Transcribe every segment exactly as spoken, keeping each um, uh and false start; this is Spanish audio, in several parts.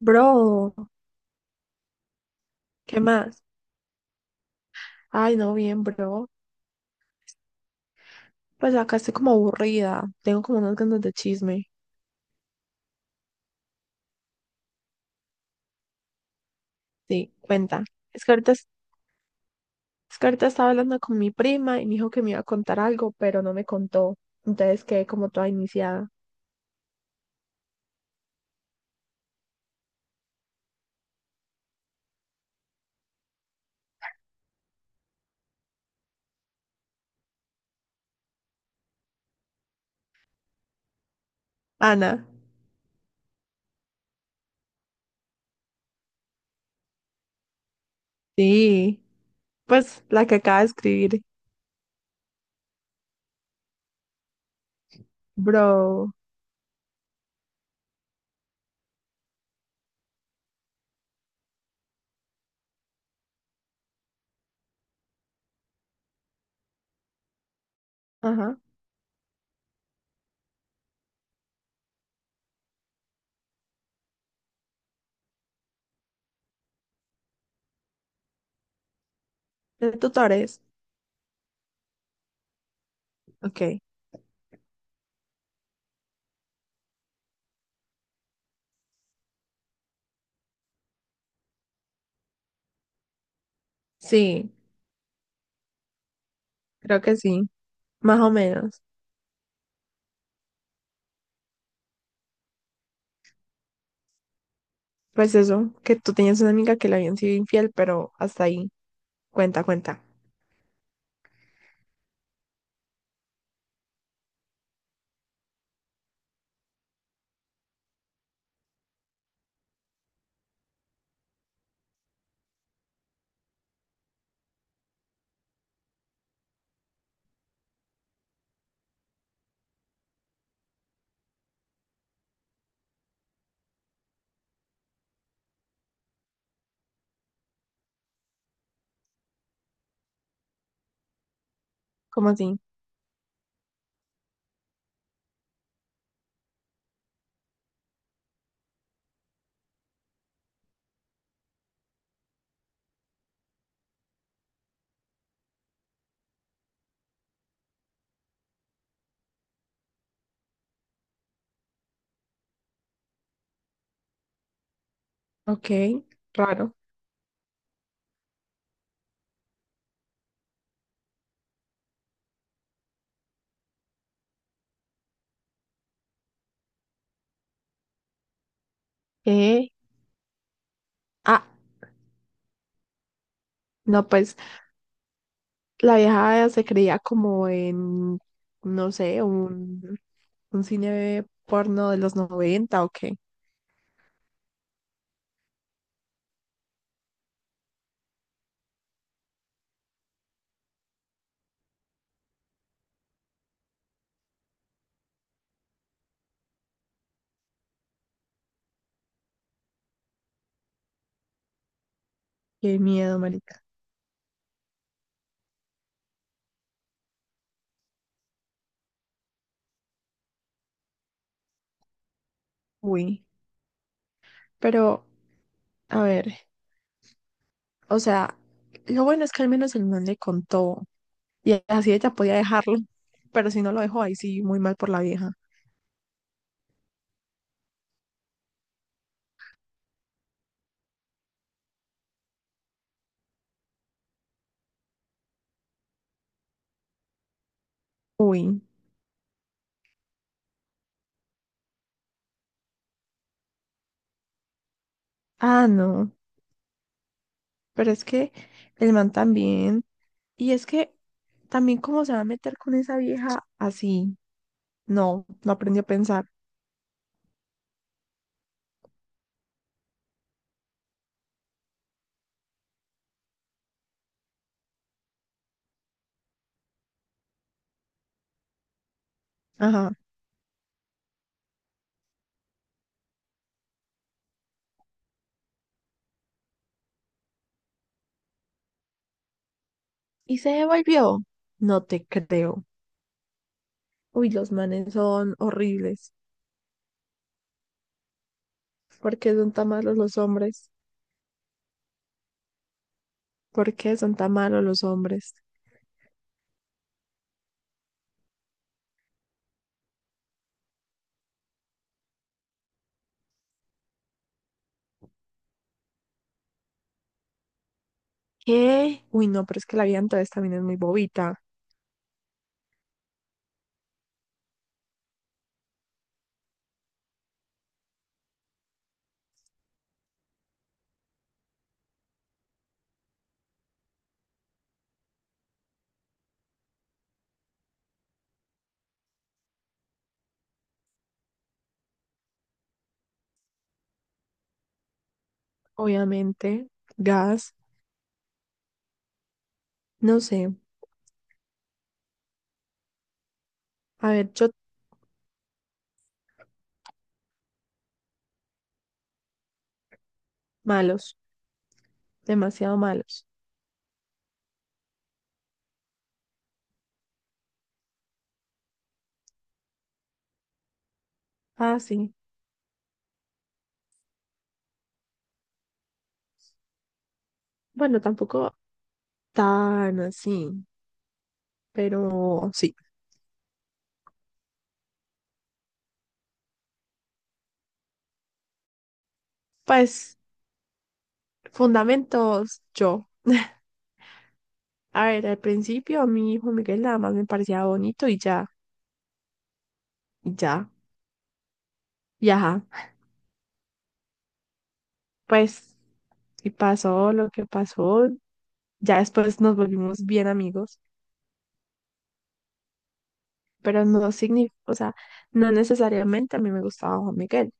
Bro, ¿qué más? Ay, no, bien, bro. Pues acá estoy como aburrida. Tengo como unas ganas de chisme. Sí, cuenta. Es que ahorita, es que ahorita estaba hablando con mi prima y me dijo que me iba a contar algo, pero no me contó. Entonces quedé como toda iniciada. Ana. Sí. Pues la que acaba de escribir. Bro. Ajá. ¿De tutores? Ok. Sí, creo que sí. Más o menos. Pues eso, que tú tenías una amiga que le habían sido infiel, pero hasta ahí. Cuenta, cuenta. ¿Cómo así? Ok, raro. Eh, Ah, no, pues la vieja se creía como en, no sé, un, un cine porno de los noventa o qué. Qué miedo, marica. Uy, pero, a ver, o sea, lo bueno es que al menos el man le contó y así ella podía dejarlo, pero si no lo dejó ahí sí, muy mal por la vieja. Uy, ah, no, pero es que el man también, y es que también cómo se va a meter con esa vieja así. No, no aprendí a pensar. Ajá. Y se devolvió. No te creo. Uy, los manes son horribles. ¿Por qué son tan malos los hombres? ¿Por qué son tan malos los hombres? ¿Qué? Uy, no, pero es que la vida entonces también es muy bobita. Obviamente. Gas. No sé. A ver, yo malos. Demasiado malos. Ah, sí. Bueno, tampoco tan así, pero sí. Pues fundamentos yo. A ver, al principio a mi hijo Miguel nada más me parecía bonito y ya, y ya, y ajá. Pues, y pasó lo que pasó. Ya después nos volvimos bien amigos, pero no significa, o sea, no necesariamente a mí me gustaba Juan Miguel.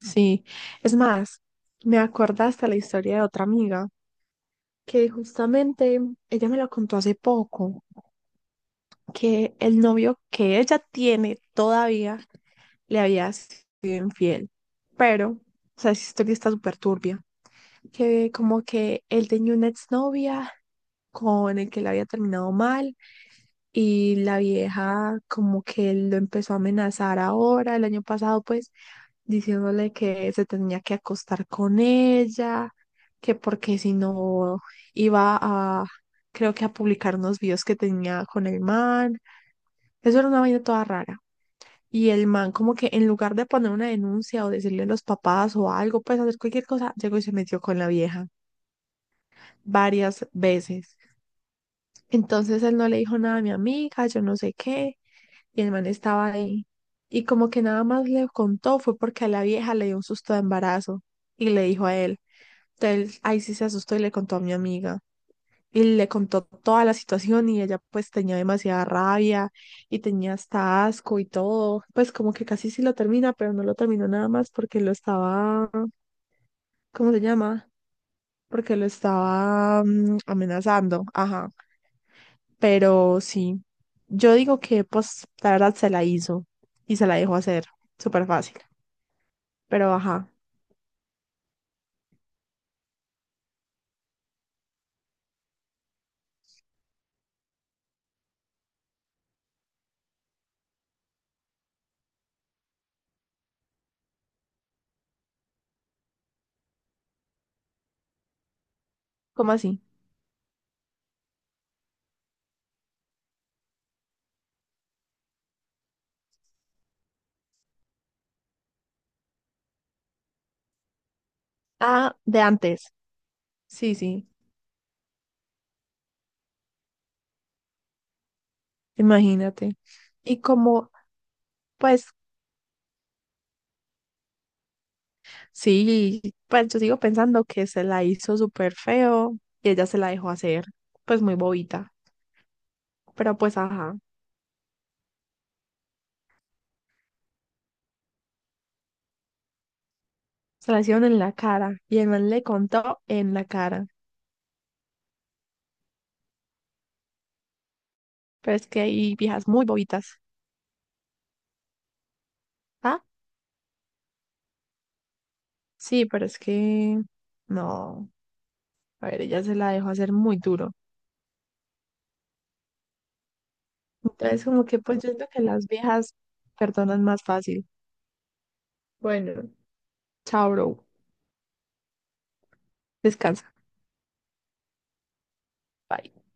Sí, es más, me acordé hasta la historia de otra amiga que justamente ella me la contó hace poco que el novio que ella tiene todavía le había sido infiel. Pero, o sea, esa historia está súper turbia. Que como que él tenía una exnovia con el que le había terminado mal y la vieja como que lo empezó a amenazar ahora, el año pasado, pues, diciéndole que se tenía que acostar con ella, que porque si no iba a, creo que a publicar unos videos que tenía con el man. Eso era una vaina toda rara. Y el man como que en lugar de poner una denuncia o decirle a los papás o algo, pues hacer cualquier cosa, llegó y se metió con la vieja varias veces. Entonces él no le dijo nada a mi amiga, yo no sé qué, y el man estaba ahí. Y como que nada más le contó fue porque a la vieja le dio un susto de embarazo y le dijo a él. Entonces ahí sí se asustó y le contó a mi amiga. Y le contó toda la situación y ella pues tenía demasiada rabia y tenía hasta asco y todo. Pues como que casi sí lo termina, pero no lo terminó nada más porque lo estaba, ¿cómo se llama? Porque lo estaba mm, amenazando. Ajá. Pero sí, yo digo que pues la verdad se la hizo y se la dejó hacer. Súper fácil. Pero ajá, ¿cómo así? Ah, de antes. Sí, sí, imagínate. Y como, pues sí, pues yo sigo pensando que se la hizo súper feo y ella se la dejó hacer, pues muy bobita. Pero pues ajá, se la hicieron en la cara y el man le contó en la cara. Pero es que hay viejas muy bobitas. Ah, sí, pero es que no. A ver, ella se la dejó hacer muy duro. Entonces, como que pues yo siento que las viejas perdonan más fácil. Bueno, chao, bro. Descansa. Bye.